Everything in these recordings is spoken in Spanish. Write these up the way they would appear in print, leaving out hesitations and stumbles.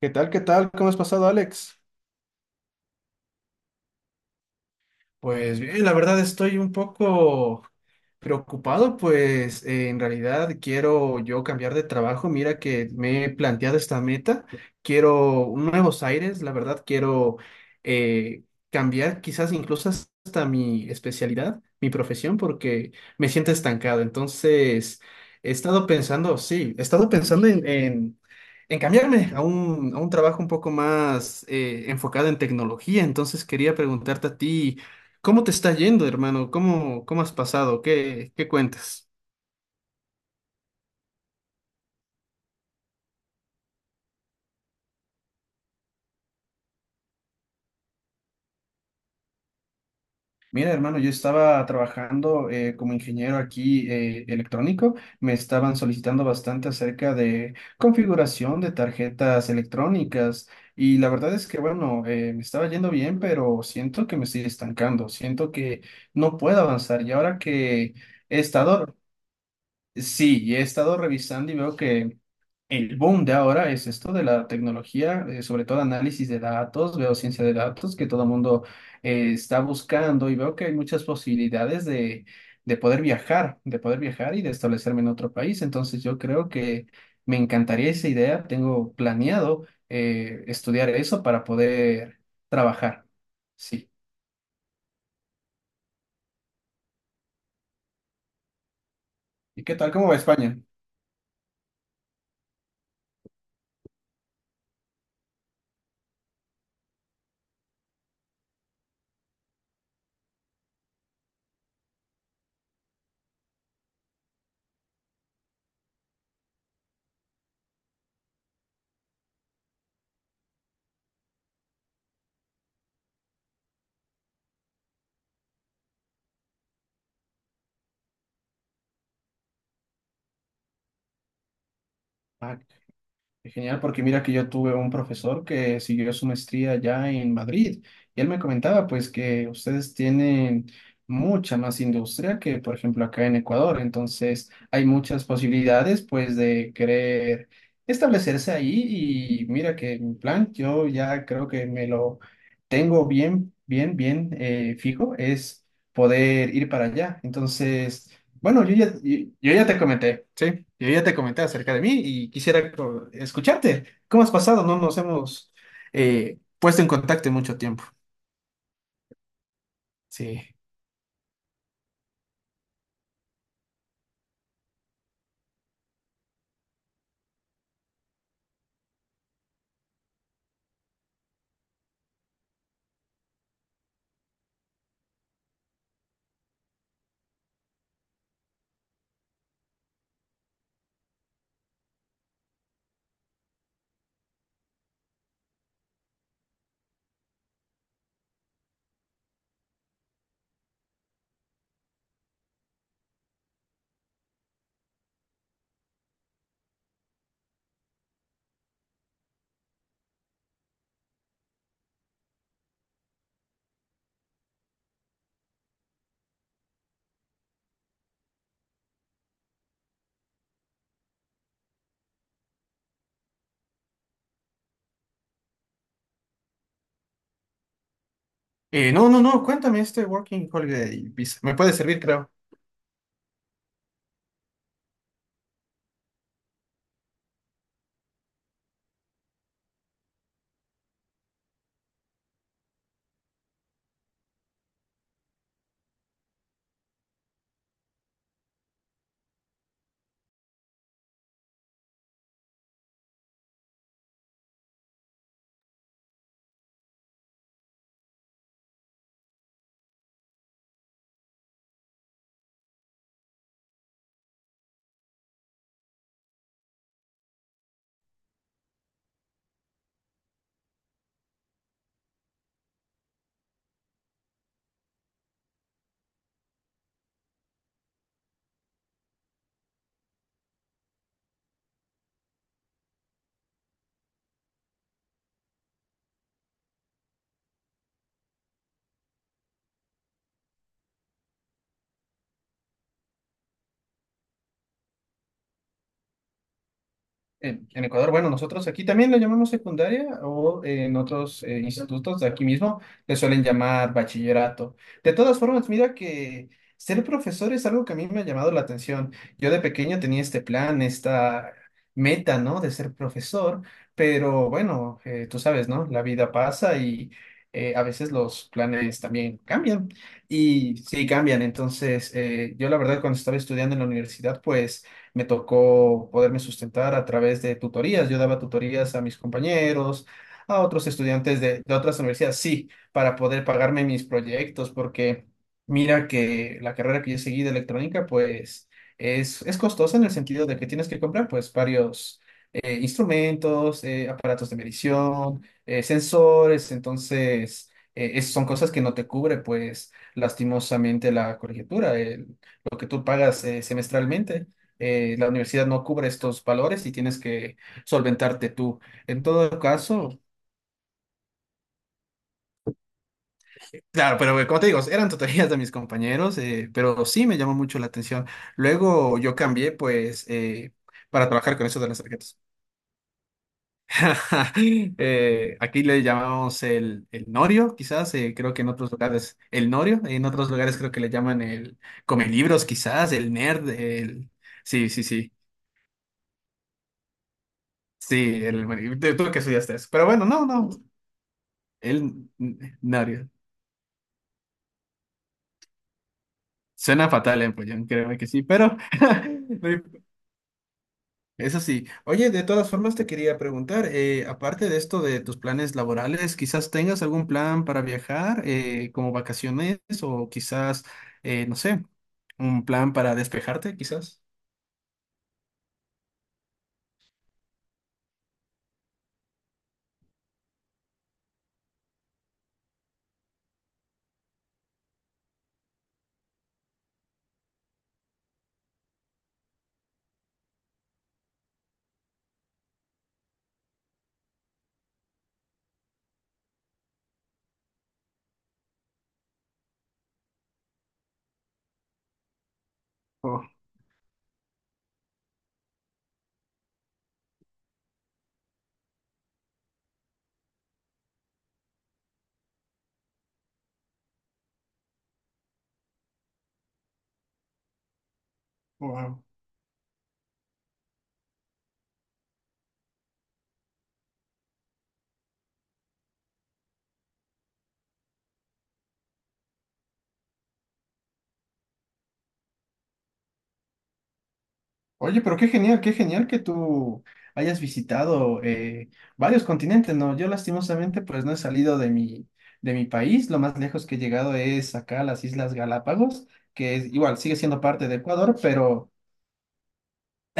¿Qué tal? ¿Qué tal? ¿Cómo has pasado, Alex? Pues bien, la verdad estoy un poco preocupado, pues en realidad quiero yo cambiar de trabajo. Mira que me he planteado esta meta. Quiero nuevos aires, la verdad quiero eh, cambiar quizás incluso hasta mi especialidad, mi profesión, porque me siento estancado. Entonces, he estado pensando, sí, he estado pensando en cambiarme a a un trabajo un poco más enfocado en tecnología. Entonces, quería preguntarte a ti. ¿Cómo te está yendo, hermano? ¿Cómo, cómo has pasado? ¿Qué, qué cuentas? Mira, hermano, yo estaba trabajando como ingeniero aquí electrónico. Me estaban solicitando bastante acerca de configuración de tarjetas electrónicas y la verdad es que, bueno, me estaba yendo bien, pero siento que me estoy estancando, siento que no puedo avanzar. Y ahora que he estado, sí, y he estado revisando y veo que el boom de ahora es esto de la tecnología, sobre todo análisis de datos, veo ciencia de datos que todo el mundo está buscando y veo que hay muchas posibilidades de poder viajar y de establecerme en otro país. Entonces yo creo que me encantaría esa idea, tengo planeado estudiar eso para poder trabajar. Sí. ¿Y qué tal? ¿Cómo va España? Genial, porque mira que yo tuve un profesor que siguió su maestría allá en Madrid y él me comentaba pues que ustedes tienen mucha más industria que por ejemplo acá en Ecuador, entonces hay muchas posibilidades pues de querer establecerse ahí y mira que mi plan yo ya creo que me lo tengo bien, bien, bien fijo es poder ir para allá, entonces... Bueno, yo ya, yo ya te comenté, sí, yo ya te comenté acerca de mí y quisiera escucharte. ¿Cómo has pasado? No nos hemos puesto en contacto en mucho tiempo. Sí. No, no, cuéntame este Working Holiday Visa. Me puede servir, creo. En Ecuador, bueno, nosotros aquí también lo llamamos secundaria o en otros institutos de aquí mismo le suelen llamar bachillerato. De todas formas, mira que ser profesor es algo que a mí me ha llamado la atención. Yo de pequeño tenía este plan, esta meta, ¿no? De ser profesor, pero bueno, tú sabes, ¿no? La vida pasa y a veces los planes también cambian. Y sí, cambian. Entonces, yo la verdad cuando estaba estudiando en la universidad, pues me tocó poderme sustentar a través de tutorías. Yo daba tutorías a mis compañeros, a otros estudiantes de otras universidades, sí, para poder pagarme mis proyectos, porque mira que la carrera que yo seguí de electrónica, pues es costosa en el sentido de que tienes que comprar pues varios instrumentos, aparatos de medición, sensores, entonces... son cosas que no te cubre, pues, lastimosamente la colegiatura, lo que tú pagas semestralmente, la universidad no cubre estos valores y tienes que solventarte tú. En todo caso, claro, pero como te digo, eran tutorías de mis compañeros, pero sí me llamó mucho la atención. Luego yo cambié, pues, para trabajar con eso de las tarjetas. Aquí le llamamos el norio, quizás, creo que en otros lugares el norio, en otros lugares creo que le llaman el come libros, quizás, el nerd, el... Sí, sí, sí. Sí, el... tú que estudiaste eso. Pero bueno, no, no, él Norio. Suena fatal en pollón, créeme que sí, pero no imp- eso sí. Oye, de todas formas te quería preguntar, aparte de esto de tus planes laborales, quizás tengas algún plan para viajar, como vacaciones o quizás, no sé, un plan para despejarte, quizás. Oh, wow. Oye, pero qué genial que tú hayas visitado varios continentes, ¿no? Yo lastimosamente pues no he salido de mi país, lo más lejos que he llegado es acá a las Islas Galápagos, que es, igual sigue siendo parte de Ecuador, pero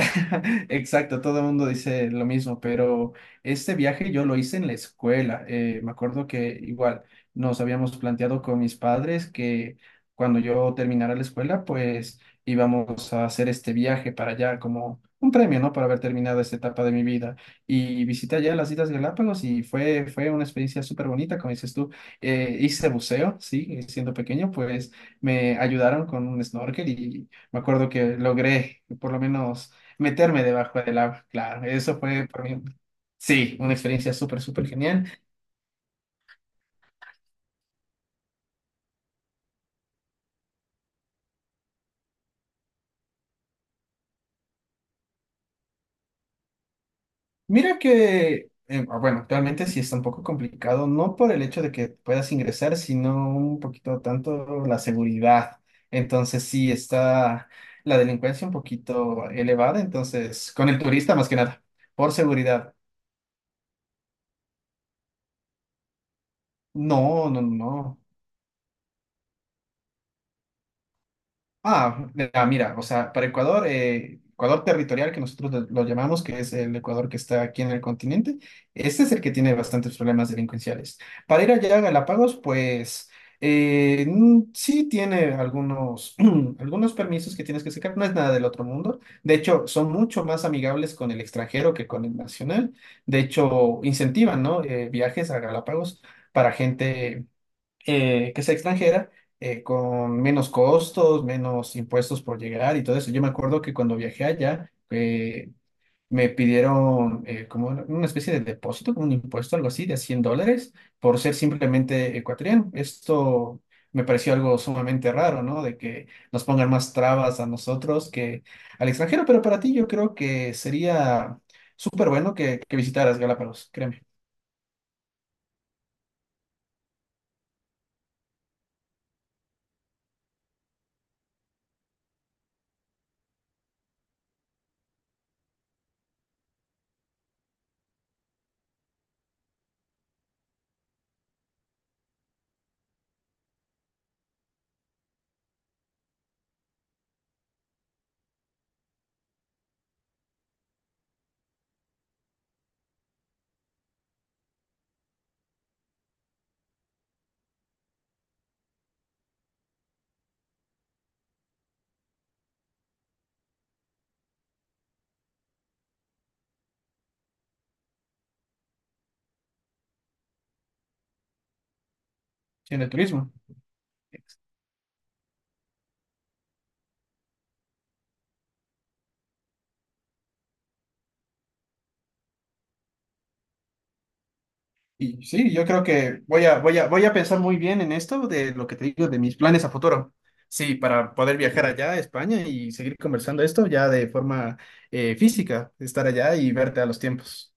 exacto, todo el mundo dice lo mismo, pero este viaje yo lo hice en la escuela. Me acuerdo que igual nos habíamos planteado con mis padres que cuando yo terminara la escuela, pues íbamos a hacer este viaje para allá como un premio, ¿no? Por haber terminado esta etapa de mi vida. Y visité allá las Islas Galápagos y fue, fue una experiencia súper bonita, como dices tú. Hice buceo, sí, siendo pequeño, pues me ayudaron con un snorkel y me acuerdo que logré por lo menos meterme debajo del agua, claro, eso fue para mí, sí, una experiencia súper, súper genial. Mira que, bueno, actualmente sí está un poco complicado, no por el hecho de que puedas ingresar, sino un poquito tanto la seguridad. Entonces sí está la delincuencia un poquito elevada, entonces con el turista más que nada, por seguridad. No, no, no. No. Ah, mira, mira, o sea, para Ecuador, Ecuador territorial, que nosotros lo llamamos, que es el Ecuador que está aquí en el continente, este es el que tiene bastantes problemas delincuenciales. Para ir allá a Galápagos, pues sí tiene algunos, algunos permisos que tienes que sacar, no es nada del otro mundo. De hecho, son mucho más amigables con el extranjero que con el nacional. De hecho, incentivan, ¿no? Viajes a Galápagos para gente que sea extranjera, con menos costos, menos impuestos por llegar y todo eso. Yo me acuerdo que cuando viajé allá, me pidieron como una especie de depósito, como un impuesto, algo así, de $100 por ser simplemente ecuatoriano. Esto me pareció algo sumamente raro, ¿no? De que nos pongan más trabas a nosotros que al extranjero, pero para ti yo creo que sería súper bueno que visitaras Galápagos, créeme, siendo de turismo. Y sí, yo creo que voy a, voy a, voy a pensar muy bien en esto de lo que te digo, de mis planes a futuro. Sí, para poder viajar allá a España y seguir conversando esto ya de forma física, estar allá y verte a los tiempos.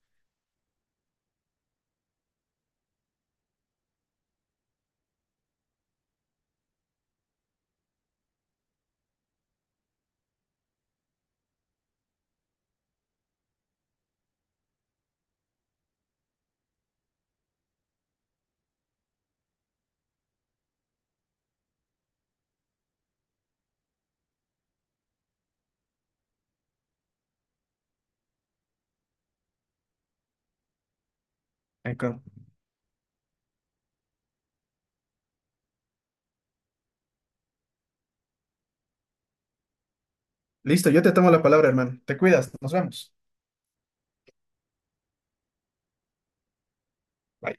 Enco- Listo, yo te tomo la palabra, hermano. Te cuidas, nos vemos. Bye.